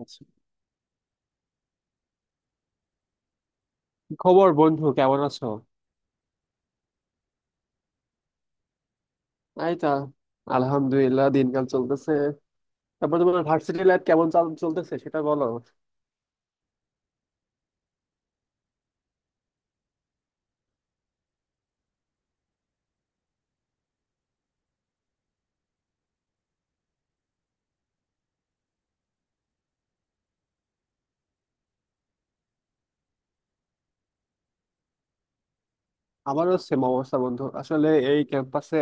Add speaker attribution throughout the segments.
Speaker 1: আচ্ছা। কি খবর বন্ধু, কেমন আছো? এই তা আলহামদুলিল্লাহ, দিনকাল চলতেছে। তারপর তোমার ভার্সিটি লাইফ কেমন চলতেছে সেটা বলো। আমারও সেম অবস্থা বন্ধু, আসলে এই ক্যাম্পাসে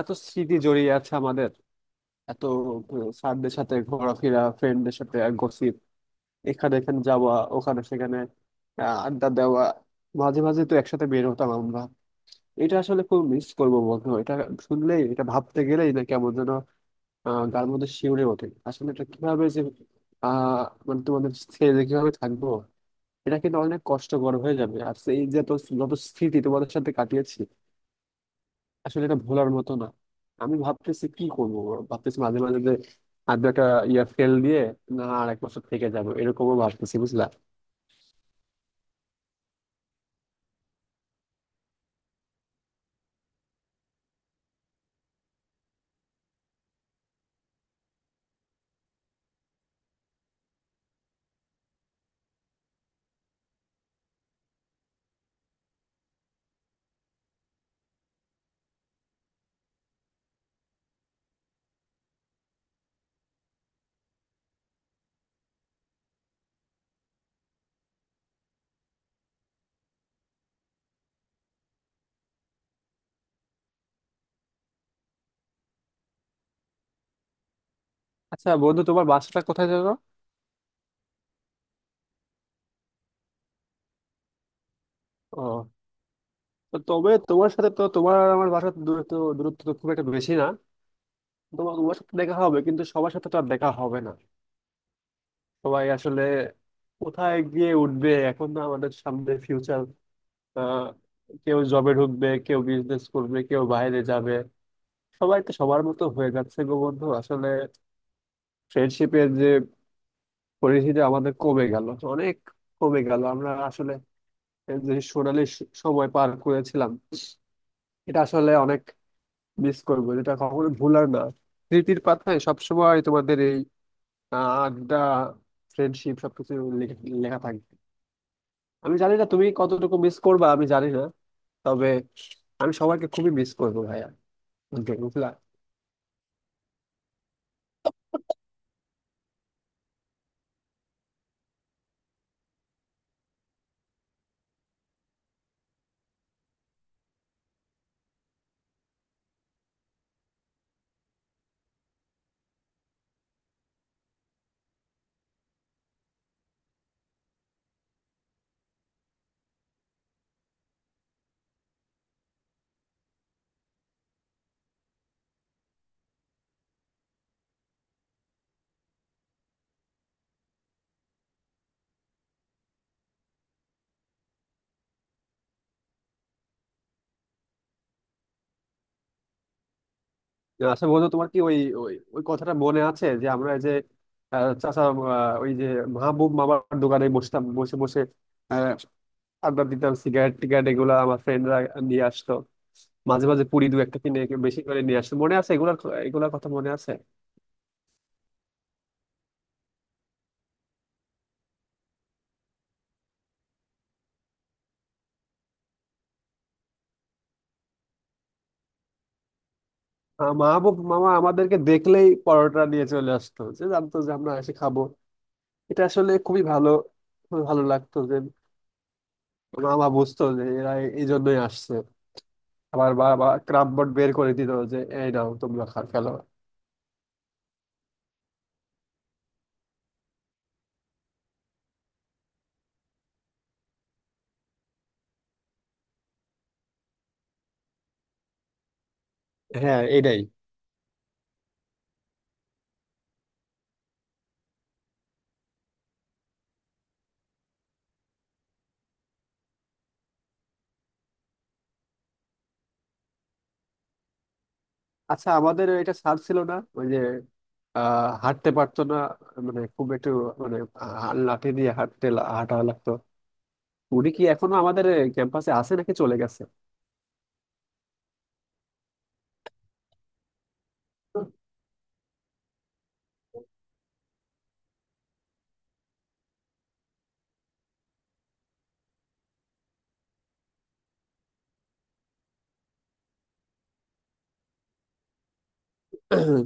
Speaker 1: এত স্মৃতি জড়িয়ে আছে আমাদের, এত স্যারদের সাথে ঘোরাফেরা, ফ্রেন্ডদের সাথে গসিপ, এখানে এখানে যাওয়া ওখানে সেখানে, আড্ডা দেওয়া। মাঝে মাঝে তো একসাথে বের হতাম আমরা। এটা আসলে খুব মিস করবো বন্ধু, এটা শুনলেই, এটা ভাবতে গেলেই না কেমন যেন গার মধ্যে শিউরে ওঠে। আসলে এটা কিভাবে যে আহ মানে তোমাদের ছেড়ে যে কিভাবে থাকবো, এটা কিন্তু অনেক কষ্টকর হয়ে যাবে। আর সেই যে তো যত স্মৃতি তোমাদের সাথে কাটিয়েছি আসলে এটা ভোলার মতো না। আমি ভাবতেছি কি করবো। ভাবতেছি মাঝে মাঝে যে আর দু একটা ইয়া ফেল দিয়ে না আর এক বছর থেকে যাবো, এরকমও ভাবতেছি বুঝলা। আচ্ছা বন্ধু, তোমার বাসাটা কোথায় যাবো? ও, তো তবে তোমার সাথে তো, তোমার আর আমার বাসার দূরত্ব, দূরত্ব তো খুব একটা বেশি না। তোমার তোমার সাথে দেখা হবে, কিন্তু সবার সাথে তো আর দেখা হবে না। সবাই আসলে কোথায় গিয়ে উঠবে এখন, না আমাদের সামনে ফিউচার। কেউ জবে ঢুকবে, কেউ বিজনেস করবে, কেউ বাইরে যাবে। সবাই তো সবার মতো হয়ে যাচ্ছে গো বন্ধু। আসলে ফ্রেন্ডশিপের যে পরিধিটা আমাদের কমে গেল, অনেক কমে গেল। আমরা আসলে এই যে সোনালি সময় পার করেছিলাম, এটা আসলে অনেক মিস করবো। এটা কখনো ভুলার না। স্মৃতির পাতায় সবসময় তোমাদের এই আড্ডা, ফ্রেন্ডশিপ, সবকিছু লেখা লেখা থাকবে। আমি জানি না তুমি কতটুকু মিস করবা, আমি জানি না। তবে আমি সবাইকে খুবই মিস করবো ভাইয়া, বুঝলা। আচ্ছা বন্ধু, তোমার কি ওই ওই ওই কথাটা মনে আছে যে আমরা এই যে চাচা ওই যে মাহবুব মামার দোকানে বসতাম, বসে বসে আহ, আড্ডা দিতাম, সিগারেট টিগারেট এগুলা আমার ফ্রেন্ডরা নিয়ে আসতো, মাঝে মাঝে পুরি দু একটা কিনে বেশি করে নিয়ে আসতো, মনে আছে এগুলার এগুলার কথা মনে আছে? মাহবুব মামা আমাদেরকে দেখলেই পরোটা নিয়ে চলে আসতো, যে জানতো যে আমরা এসে খাবো। এটা আসলে খুবই ভালো, খুবই ভালো লাগতো যে মামা বুঝতো যে এরা এই জন্যই আসছে। আবার বাবা ক্রাম বোর্ড বের করে দিত যে এই নাও তোমরা খেলো। হ্যাঁ, এটাই। আচ্ছা আমাদের এটা স্যার ছিল না ওই যে হাঁটতে পারতো না, মানে খুব একটু মানে লাঠি দিয়ে হাঁটা লাগতো? উনি কি এখনো আমাদের ক্যাম্পাসে আছে নাকি চলে গেছে?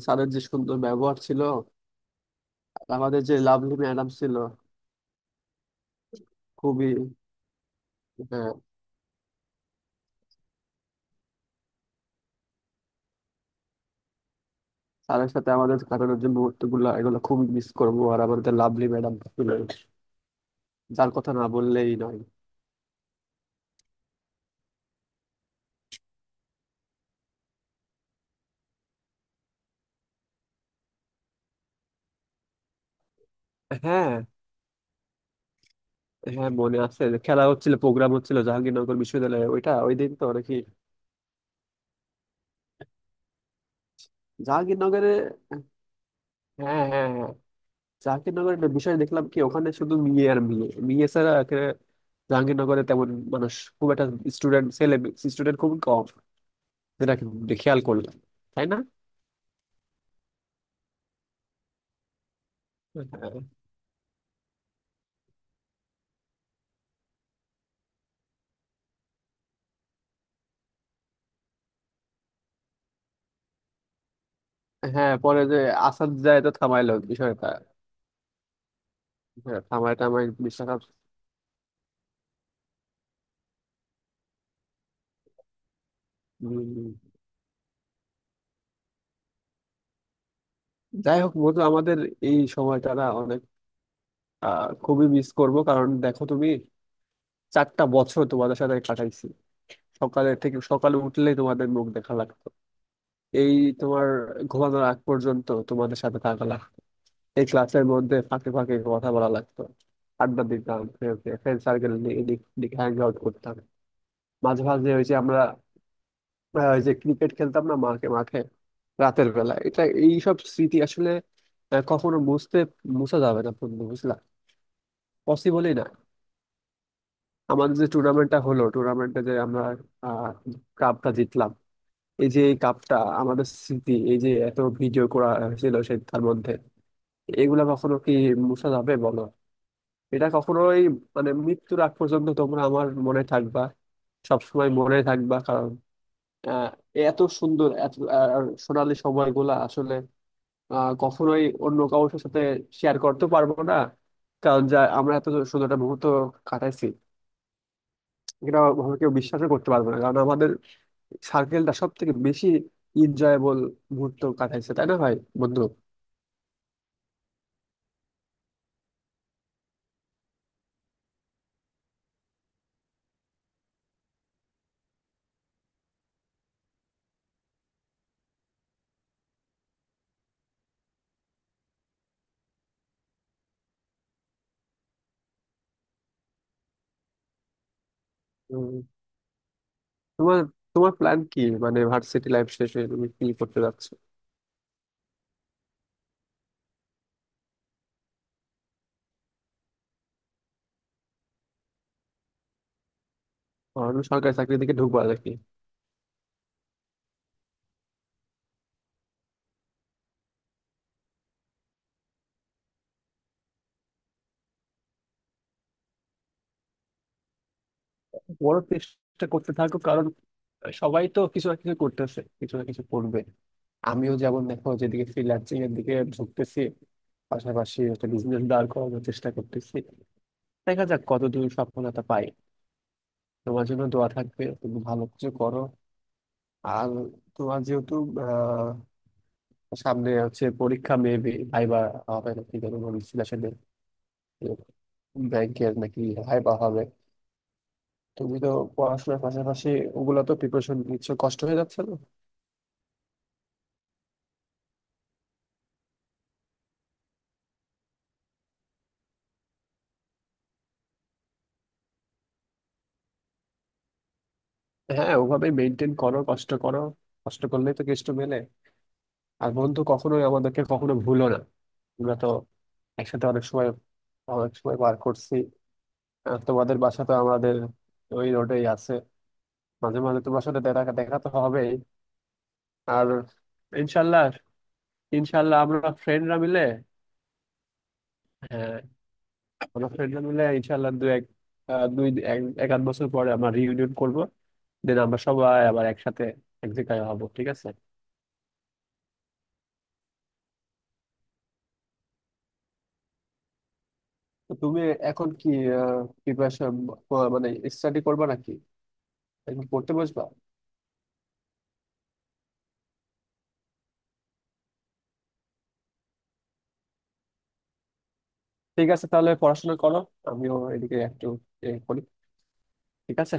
Speaker 1: স্যারের যে সুন্দর ব্যবহার ছিল, আর আমাদের যে লাভলি ম্যাডাম ছিল, খুবই। হ্যাঁ। স্যারের সাথে আমাদের কাটানোর যে মুহূর্ত গুলো এগুলো খুবই মিস করবো, আর আমাদের লাভলি ম্যাডাম ছিল যার কথা না বললেই নয়। হ্যাঁ, হ্যাঁ মনে আছে, যে খেলা হচ্ছিল, প্রোগ্রাম হচ্ছিল জাহাঙ্গীরনগর বিশ্ববিদ্যালয়ে ওইটা, ওই দিন তো নাকি জাহাঙ্গীরনগরে। হ্যাঁ হ্যাঁ হ্যাঁ। জাহাঙ্গীরনগরের একটা বিষয় দেখলাম কি, ওখানে শুধু মেয়ে আর মেয়ে, মেয়ে ছাড়া এখানে জাহাঙ্গীরনগরে তেমন মানুষ খুব একটা, স্টুডেন্ট ছেলে স্টুডেন্ট খুব কম, যেটা কি খেয়াল করলাম, তাই না? হ্যাঁ। হ্যাঁ, পরে যে আসাদ যায় তো থামাইলো বিষয়টা। হ্যাঁ, থামায় টামায় বিশ্বকাপ। উম, যাই হোক বন্ধু, আমাদের এই সময়টা না অনেক খুবই মিস করব, কারণ দেখো তুমি চারটা বছর তোমাদের সাথে কাটাইছি। সকালের থেকে, সকালে উঠলেই তোমাদের মুখ দেখা লাগতো, এই তোমার ঘুমানোর আগ পর্যন্ত তোমাদের সাথে থাকা লাগতো, এই ক্লাসের মধ্যে ফাঁকে ফাঁকে কথা বলা লাগতো, আড্ডা দিতাম, ফ্রেন্ড সার্কেল নিয়ে এদিক ওদিক হ্যাং আউট করতাম। মাঝে মাঝে ওই যে আমরা ওই যে ক্রিকেট খেলতাম না মাঠে মাঠে রাতের বেলা, এটা, এইসব স্মৃতি আসলে কখনো মুছা যাবে না বন্ধু, বুঝলা, পসিবলই না। আমাদের যে টুর্নামেন্টটা হলো, টুর্নামেন্টে যে আমরা আহ কাপটা জিতলাম, এই যে এই কাপটা, আমাদের স্মৃতি, এই যে এত ভিডিও করা হয়েছিল সে তার মধ্যে, এগুলা কখনো কি মুছা যাবে বলো? এটা কখনোই। মানে মৃত্যুর আগ পর্যন্ত তোমরা আমার মনে থাকবা, সবসময় মনে থাকবা, কারণ আহ, এত সুন্দর এত আর সোনালি সময়গুলা আসলে কখনোই অন্য কারোর সাথে শেয়ার করতে পারবো না, কারণ যা আমরা এত সুন্দর একটা মুহূর্ত কাটাইছি এটা কখনো কেউ বিশ্বাসও করতে পারবো না, কারণ আমাদের সার্কেলটা সব থেকে বেশি এনজয়েবল মুহূর্ত কাটাইছে, তাই না ভাই, বন্ধু? উম, তোমার তোমার প্ল্যান কি, মানে ভার্সিটি লাইফ শেষ হয়ে তুমি কি করতে যাচ্ছ? আমি সরকারি চাকরির দিকে ঢুকবো নাকি? বড় চেষ্টা করতে থাকো, কারণ সবাই তো কিছু না কিছু করতেছে, কিছু না কিছু করবে। আমিও যেমন দেখো যেদিকে ফ্রিল্যান্সিং এর দিকে ঢুকতেছি, পাশাপাশি একটা বিজনেস দাঁড় করানোর চেষ্টা করতেছি, দেখা যাক কতদূর সফলতা পাই। তোমার জন্য দোয়া থাকবে, তুমি ভালো কিছু করো। আর তোমার যেহেতু সামনে হচ্ছে পরীক্ষা, মেবি ভাইবা হবে নাকি জানি বলছিল আসলে, ব্যাংকের নাকি ভাইবা হবে। তুমি তো পড়াশোনার পাশাপাশি ওগুলো তো প্রিপারেশন নিচ্ছ, কষ্ট হয়ে যাচ্ছে না? হ্যাঁ, ওভাবে মেনটেন করো, কষ্ট করো। কষ্ট করলেই তো কেষ্ট মেলে। আর বন্ধু কখনোই আমাদেরকে কখনো ভুলো না। আমরা তো একসাথে অনেক সময়, অনেক সময় পার করছি। আর তোমাদের বাসা তো আমাদের ওই রোডেই আছে, মাঝে মাঝে তোমার সাথে দেখা, দেখা তো হবেই। আর ইনশাল্লাহ ইনশাল্লাহ আমরা ফ্রেন্ডরা মিলে, হ্যাঁ, আমরা ফ্রেন্ডরা মিলে ইনশাল্লাহ দু এক দুই এক এক আধ বছর পরে আমরা রিউনিয়ন করব, দেন আমরা সবাই আবার একসাথে এক জায়গায় হবো, ঠিক আছে? তো তুমি এখন কি প্রিপারেশন মানে স্টাডি করবা নাকি, এখন পড়তে বসবা? ঠিক আছে তাহলে পড়াশোনা করো, আমিও এদিকে একটু এ করি। ঠিক আছে।